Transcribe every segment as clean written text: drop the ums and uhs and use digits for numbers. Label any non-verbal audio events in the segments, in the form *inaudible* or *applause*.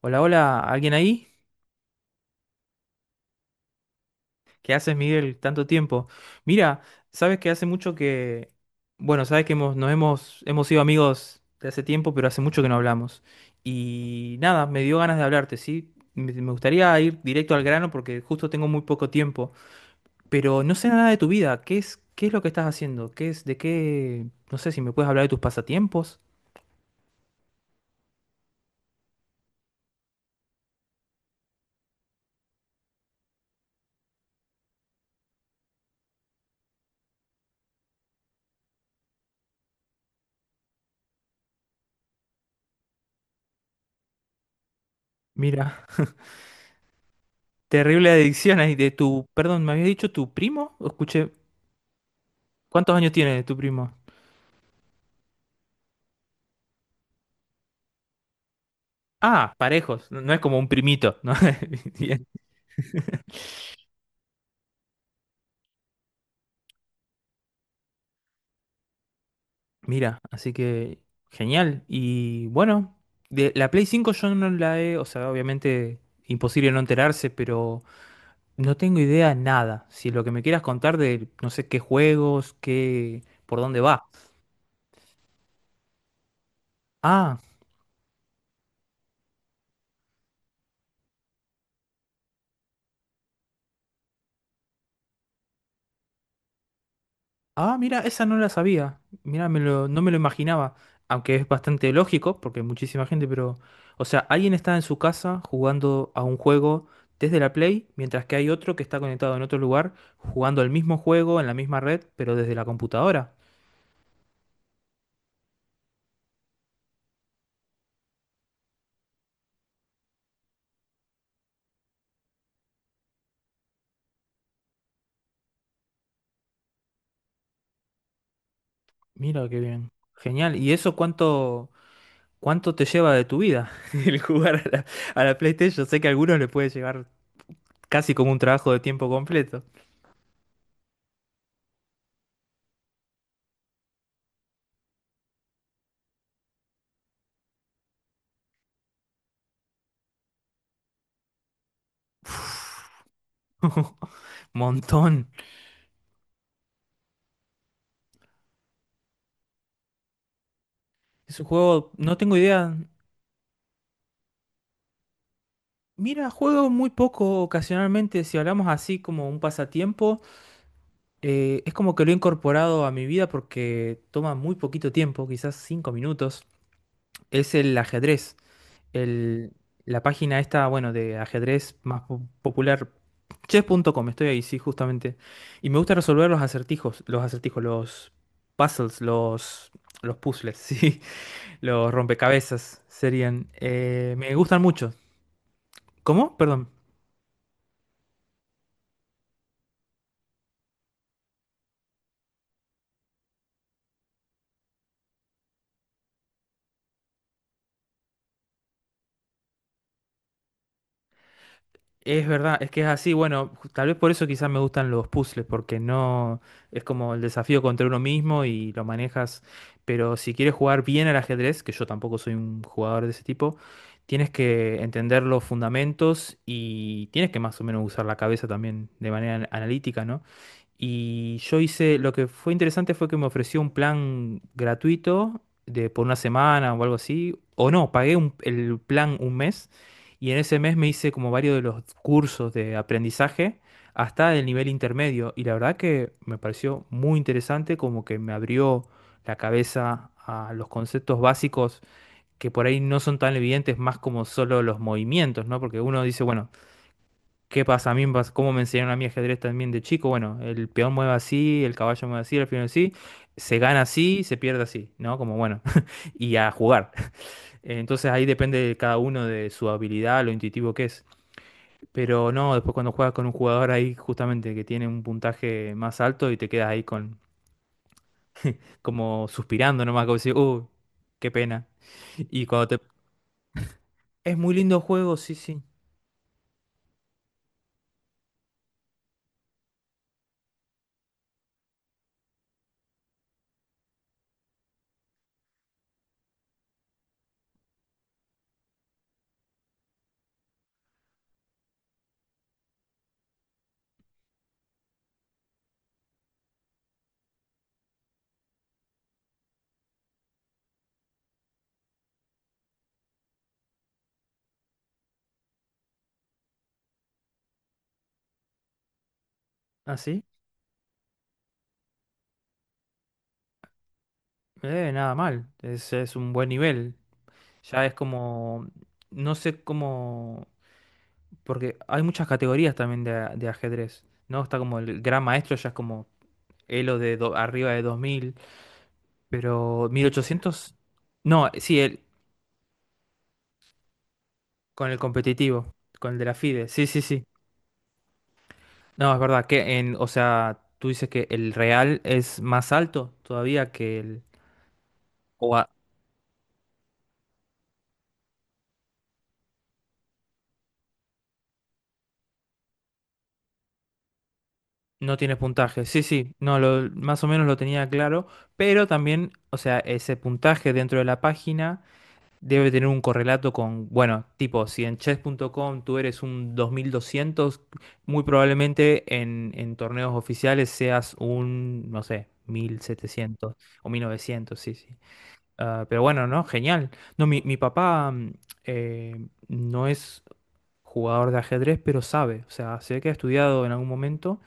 Hola, hola, ¿alguien ahí? ¿Qué haces, Miguel? Tanto tiempo. Mira, sabes que hace mucho que, bueno, sabes que hemos, nos hemos, hemos sido amigos de hace tiempo, pero hace mucho que no hablamos. Y nada, me dio ganas de hablarte, ¿sí? Me gustaría ir directo al grano porque justo tengo muy poco tiempo, pero no sé nada de tu vida. Qué es lo que estás haciendo? ¿Qué es, de qué, no sé si me puedes hablar de tus pasatiempos? Mira, *laughs* terrible adicción ahí de tu, perdón, ¿me habías dicho tu primo? ¿O escuché, ¿cuántos años tiene tu primo? Ah, parejos, no es como un primito, ¿no? *laughs* Bien. Mira, así que genial. Y bueno, de la Play 5 yo no la he, o sea, obviamente imposible no enterarse, pero no tengo idea nada. Si lo que me quieras contar de, no sé, qué juegos, qué, por dónde va. Ah, Ah, mira, esa no la sabía. Mira, me lo, no me lo imaginaba. Aunque es bastante lógico, porque hay muchísima gente, pero. O sea, alguien está en su casa jugando a un juego desde la Play, mientras que hay otro que está conectado en otro lugar, jugando al mismo juego en la misma red, pero desde la computadora. Mira qué bien. Genial. ¿Y eso cuánto, cuánto te lleva de tu vida? *laughs* El jugar a la PlayStation. Sé que a algunos le puede llevar casi como un trabajo de tiempo completo. *laughs* Montón. Es un juego, no tengo idea, Mira, juego muy poco ocasionalmente, si hablamos así como un pasatiempo, es como que lo he incorporado a mi vida porque toma muy poquito tiempo, quizás cinco minutos, es el ajedrez. El, la página esta, bueno, de ajedrez más po- popular, chess.com, estoy ahí, sí, justamente. Y me gusta resolver los acertijos, los acertijos, puzzles, los, los puzzles, *laughs* sí, los rompecabezas serían. Me gustan mucho. ¿Cómo? Perdón. Es verdad, es que es así. Bueno, ju- tal vez por eso quizás me gustan los puzzles, porque no es como el desafío contra uno mismo y lo manejas. Pero si quieres jugar bien al ajedrez, que yo tampoco soy un jugador de ese tipo, tienes que entender los fundamentos y tienes que más o menos usar la cabeza también de manera an- analítica, ¿no? Y yo hice, lo que fue interesante fue que me ofreció un plan gratuito de por una semana o algo así, o no, pagué un- el plan un mes y en ese mes me hice como varios de los cursos de aprendizaje hasta el nivel intermedio. Y la verdad que me pareció muy interesante, como que me abrió la cabeza a los conceptos básicos que por ahí no son tan evidentes, más como solo los movimientos, ¿no? Porque uno dice, bueno, ¿qué pasa a mí? Pas- ¿Cómo me enseñaron a mí ajedrez también de chico? Bueno, el peón mueve así, el caballo mueve así, el alfil mueve así, se gana así, se pierde así, ¿no? Como bueno, *laughs* y a jugar. *laughs* Entonces ahí depende de cada uno de su habilidad, lo intuitivo que es. Pero no, después cuando juegas con un jugador ahí justamente que tiene un puntaje más alto y te quedas ahí con como suspirando nomás, como decir, qué pena. Y cuando te... Es muy lindo juego, sí, sí. ¿Ah, sí? Nada mal. Es un buen nivel. Ya es como... No sé cómo... Porque hay muchas categorías también de, a- de ajedrez, ¿no? Está como el gran maestro, ya es como Elo de do- arriba de 2000 pero 1800 No, sí, el, Con el competitivo, con el de la FIDE. Sí, sí, sí. No, es verdad que en, o sea, tú dices que el real es más alto todavía que el o a- no tiene puntaje. Sí, sí, no, lo, más o menos lo tenía claro, pero también, o sea, ese puntaje dentro de la página debe tener un correlato con, bueno, tipo, si en chess.com tú eres un 2200, muy probablemente en torneos oficiales seas un, no sé, 1700 o 1900, sí, sí. Ah, pero bueno, ¿no? Genial. No, mi papá no es jugador de ajedrez, pero sabe. O sea, sé que ha estudiado en algún momento.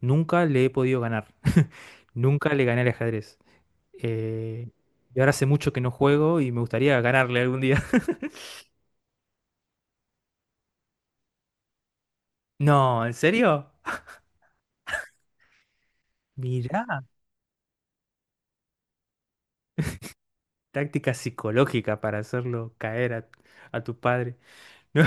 Nunca le he podido ganar. *laughs* Nunca le gané al ajedrez. Eh, y ahora hace mucho que no juego y me gustaría ganarle algún día. *laughs* No, ¿en serio? Mirá, táctica psicológica para hacerlo caer a tu padre. *laughs* No.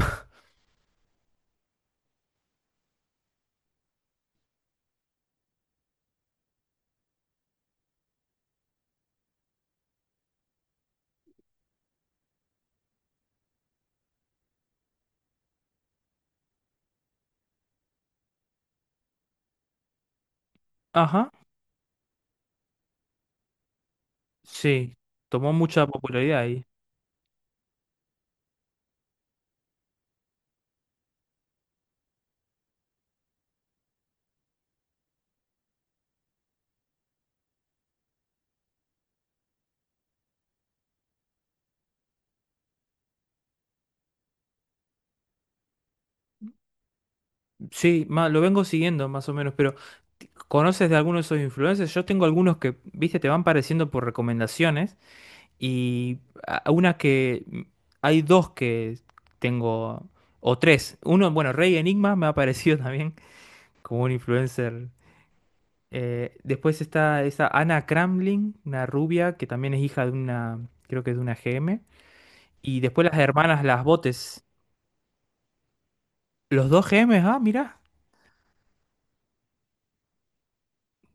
Ajá, sí. Tomó mucha popularidad. Sí, ma- lo vengo siguiendo más o menos, pero t- ¿conoces de alguno de esos influencers? Yo tengo algunos que, viste, te van pareciendo por recomendaciones y a- una que mm, hay dos que tengo, o tres. Uno, bueno, Rey Enigma me ha parecido *laughs* también como un influencer. Después está esa Ana Kramling, una rubia que también es hija de una, creo que es de una GM Y después las hermanas Las Botes. Los dos G GMs ah, mirá.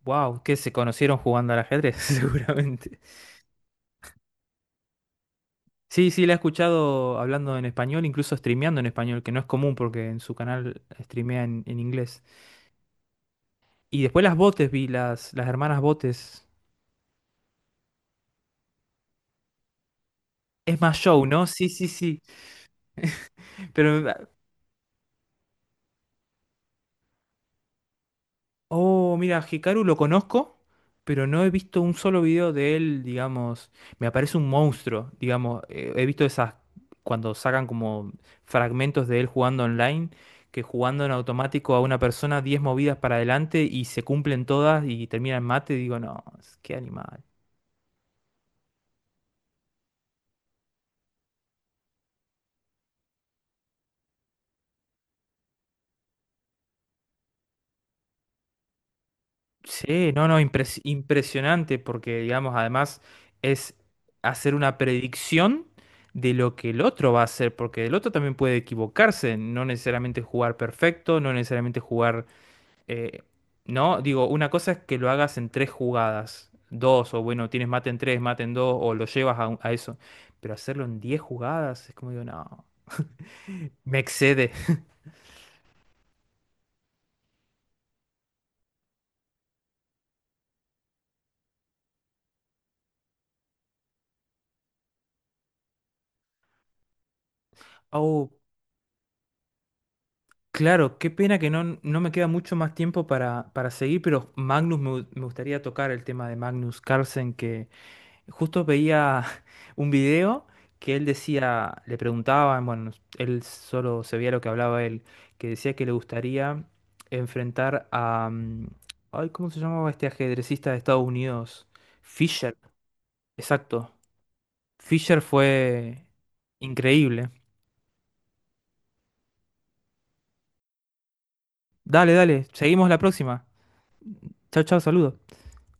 Wow, que se conocieron jugando al ajedrez, *laughs* seguramente. Sí, sí, la he escuchado hablando en español, incluso streameando en español, que no es común porque en su canal streamea en inglés. Y después las Botes vi, las hermanas Botes. Es más show, ¿no? Sí, sí, sí. Pero Oh, mira, Hikaru lo conozco, pero no he visto un solo video de él, digamos. Me aparece un monstruo, digamos. He visto esas, cuando sacan como fragmentos de él jugando online, que jugando en automático a una persona 10 movidas para adelante y se cumplen todas y termina en mate, digo, no, es- qué animal. Sí, no, no, impres- impresionante porque, digamos, además es hacer una predicción de lo que el otro va a hacer, porque el otro también puede equivocarse, no necesariamente jugar perfecto, no necesariamente jugar, eh, no, digo, una cosa es que lo hagas en tres jugadas, dos, o bueno, tienes mate en tres, mate en dos, o lo llevas a, un- a eso, pero hacerlo en 10 jugadas es como digo, no, me excede. *laughs* Oh. Claro, qué pena que no, no me queda mucho más tiempo para seguir, pero Magnus, me, gu- me gustaría tocar el tema de Magnus Carlsen, que justo veía *laughs* un video que él decía, le preguntaban, bueno, él solo se veía lo que hablaba él, que decía que le gustaría enfrentar a, mm, ay, ¿cómo se llamaba este ajedrecista de Estados Unidos? Fischer, exacto. Fischer fue increíble. Dale, dale, seguimos la próxima. Chao, chao, saludos.